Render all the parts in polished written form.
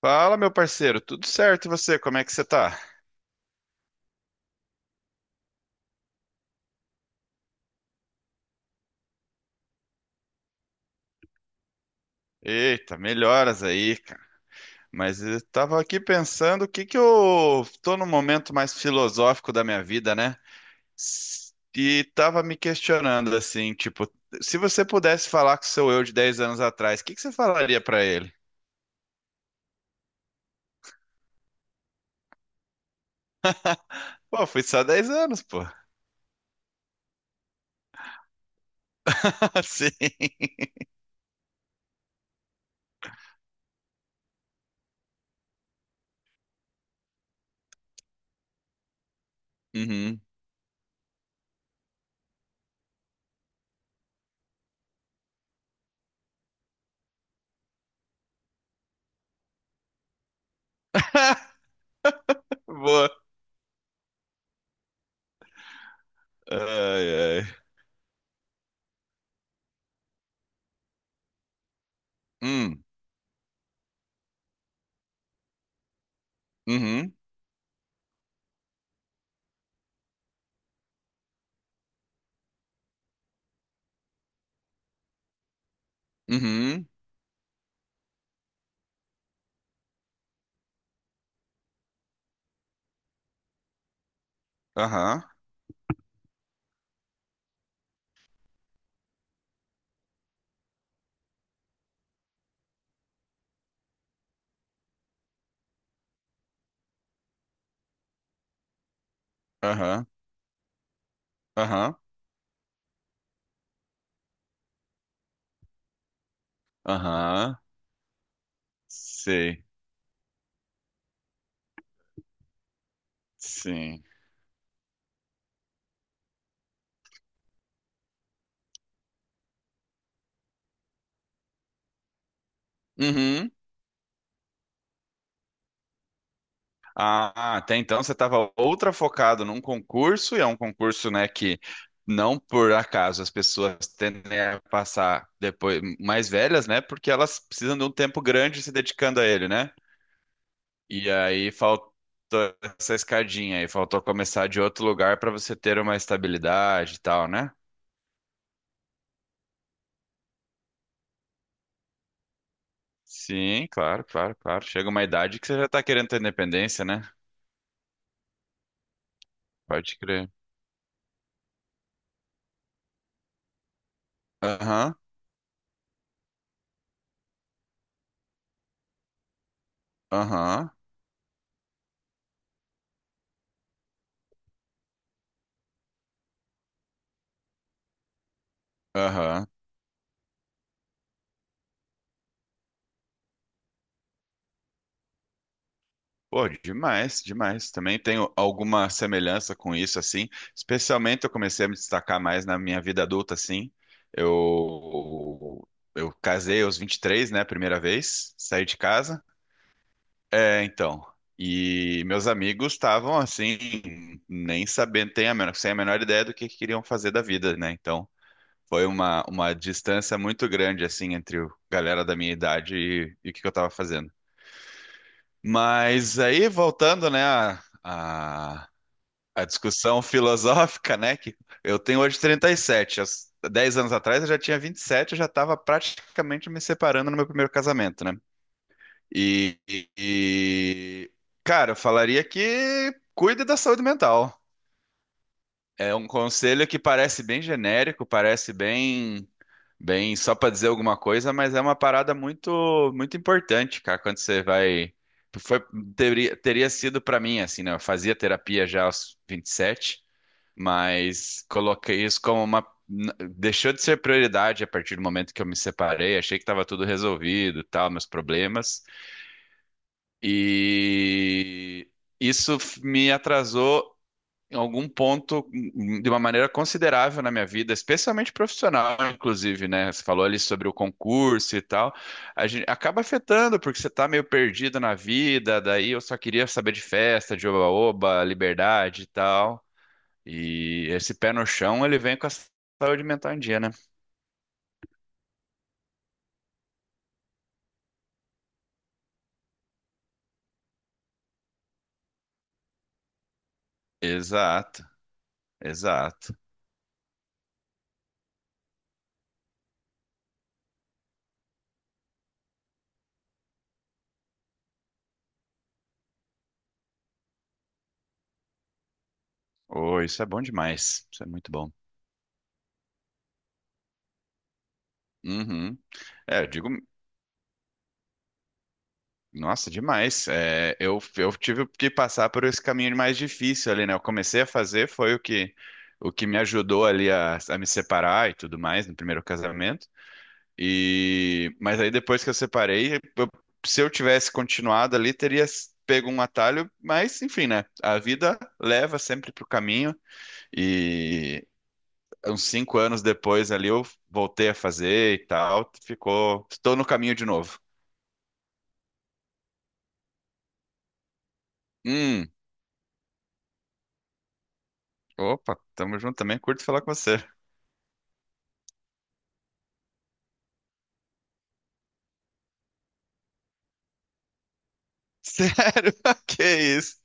Fala, meu parceiro, tudo certo e você? Como é que você tá? Eita, melhoras aí, cara. Mas eu tava aqui pensando o que que eu tô num momento mais filosófico da minha vida, né? E tava me questionando assim, tipo, se você pudesse falar com o seu eu de 10 anos atrás, o que que você falaria pra ele? Pô, fui só 10 anos, pô. Sim. Uhum. Boa. Ai, ai. Hum, uhum, uhum, aham, aham, aham, aham, sei. Sim. Uhum. Ah, até então você estava outra focado num concurso, e é um concurso, né, que não por acaso as pessoas tendem a passar depois mais velhas, né, porque elas precisam de um tempo grande se dedicando a ele, né? E aí faltou essa escadinha aí, faltou começar de outro lugar para você ter uma estabilidade e tal, né? Sim, claro, claro, claro. Chega uma idade que você já tá querendo ter independência, né? Pode crer. Aham, aham, aham. Pô, demais, demais. Também tenho alguma semelhança com isso, assim. Especialmente eu comecei a me destacar mais na minha vida adulta, assim. Eu, eu casei aos 23, né? Primeira vez, saí de casa. É, então. E meus amigos estavam, assim, nem sabendo, sem a menor ideia do que queriam fazer da vida, né? Então, foi uma distância muito grande, assim, entre a galera da minha idade e o que que eu tava fazendo. Mas aí, voltando, né, a discussão filosófica, né, que eu tenho hoje 37. Há 10 anos atrás eu já tinha 27, eu já estava praticamente me separando no meu primeiro casamento, né? E, cara, eu falaria que cuide da saúde mental. É um conselho que parece bem genérico, parece bem. Bem, só para dizer alguma coisa, mas é uma parada muito muito importante, cara, quando você vai foi teria sido para mim assim, né? Eu fazia terapia já aos 27, mas coloquei isso como deixou de ser prioridade a partir do momento que eu me separei, achei que estava tudo resolvido, tal, meus problemas. E isso me atrasou em algum ponto de uma maneira considerável na minha vida, especialmente profissional, inclusive, né? Você falou ali sobre o concurso e tal. A gente acaba afetando, porque você tá meio perdido na vida, daí eu só queria saber de festa, de oba-oba, liberdade e tal. E esse pé no chão, ele vem com a saúde mental em dia, né? Exato, exato. Oh, isso é bom demais. Isso é muito bom. Uhum. É, eu digo, nossa, demais. É, eu tive que passar por esse caminho mais difícil ali, né? Eu comecei a fazer, foi o que me ajudou ali a me separar e tudo mais no primeiro casamento. E, mas aí depois que eu separei, eu- se eu tivesse continuado ali, teria pego um atalho, mas enfim, né? A vida leva sempre pro caminho. E uns 5 anos depois ali eu voltei a fazer e tal. Ficou. Estou no caminho de novo. Hum. Opa, tamo junto também. Curto falar com você. Sério? Que isso?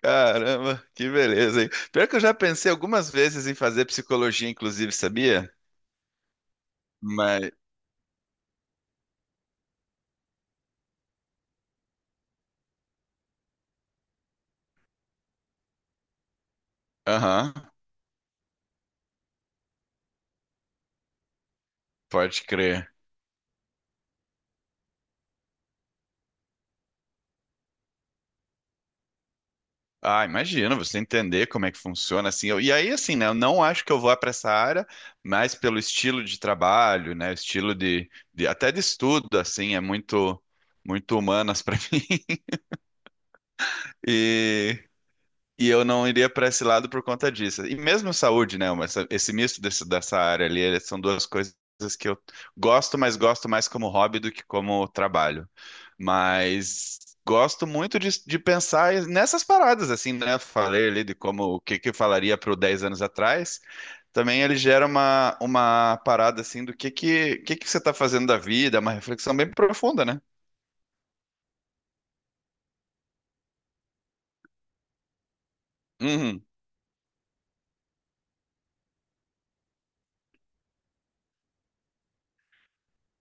Caramba, que beleza, hein? Pior que eu já pensei algumas vezes em fazer psicologia, inclusive, sabia? Mas, aham, pode crer. Ah, imagina, você entender como é que funciona assim. E aí, assim, né? Eu não acho que eu vou para essa área, mas pelo estilo de trabalho, né? Estilo de até de estudo, assim, é muito, muito humanas para mim. E E eu não iria para esse lado por conta disso. E mesmo saúde, né? Esse misto dessa área ali, eles são duas coisas que eu gosto, mas gosto mais como hobby do que como trabalho. Mas gosto muito de pensar nessas paradas, assim, né? Falei ali de como o que que eu falaria para 10 anos atrás. Também ele gera uma parada assim do que que você está fazendo da vida, uma reflexão bem profunda, né? Uhum.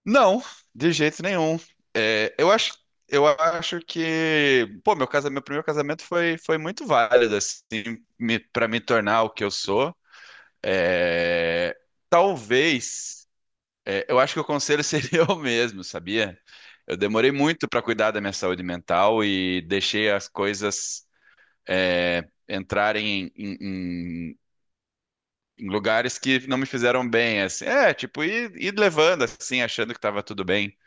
Não, de jeito nenhum. É, eu acho que, pô, meu primeiro casamento foi muito válido, assim, me, para me tornar o que eu sou. É, talvez, é, eu acho que o conselho seria o mesmo, sabia? Eu demorei muito para cuidar da minha saúde mental e deixei as coisas, é, entrarem em lugares que não me fizeram bem, assim. É, tipo, ir levando, assim, achando que estava tudo bem.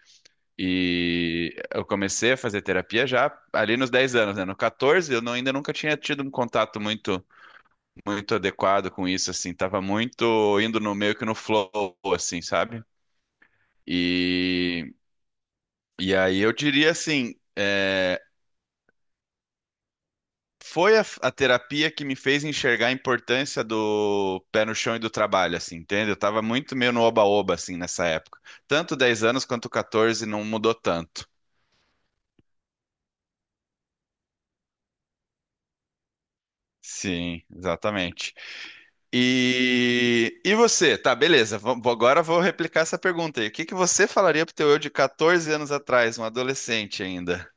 E eu comecei a fazer terapia já ali nos 10 anos, né? No 14, eu não- ainda nunca tinha tido um contato muito muito adequado com isso, assim. Tava muito indo no meio que no flow, assim, sabe? E, e aí eu diria assim, é, foi a terapia que me fez enxergar a importância do pé no chão e do trabalho, assim, entende? Eu tava muito meio no oba-oba, assim, nessa época. Tanto 10 anos quanto 14 não mudou tanto. Sim, exatamente. E você? Tá, beleza. Agora vou replicar essa pergunta aí. O que que você falaria pro teu eu de 14 anos atrás, um adolescente ainda?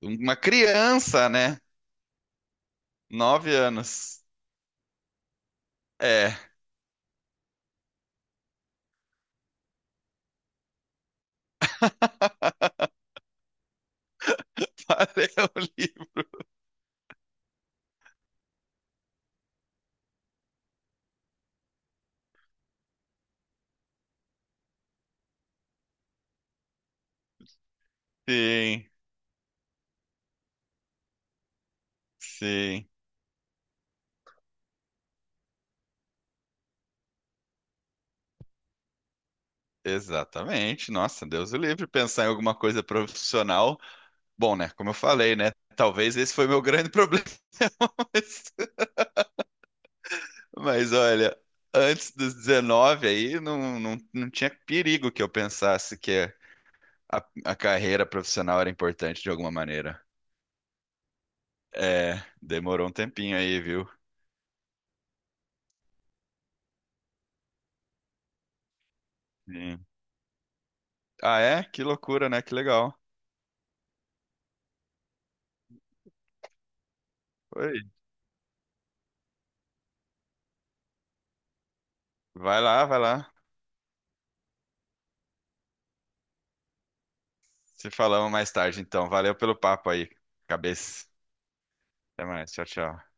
Uma criança, né? 9 anos. É, valeu, livre. Sim, sim, exatamente. Nossa, Deus o livre pensar em alguma coisa profissional. Bom, né? Como eu falei, né? Talvez esse foi meu grande problema. Mas olha, antes dos 19 aí, não, não, não tinha perigo que eu pensasse que a, a carreira profissional era importante de alguma maneira. É, demorou um tempinho aí, viu? Sim. Ah, é? Que loucura, né? Que legal. Oi. Vai lá, vai lá. Se falamos mais tarde, então. Valeu pelo papo aí, cabeça. Até mais. Tchau, tchau.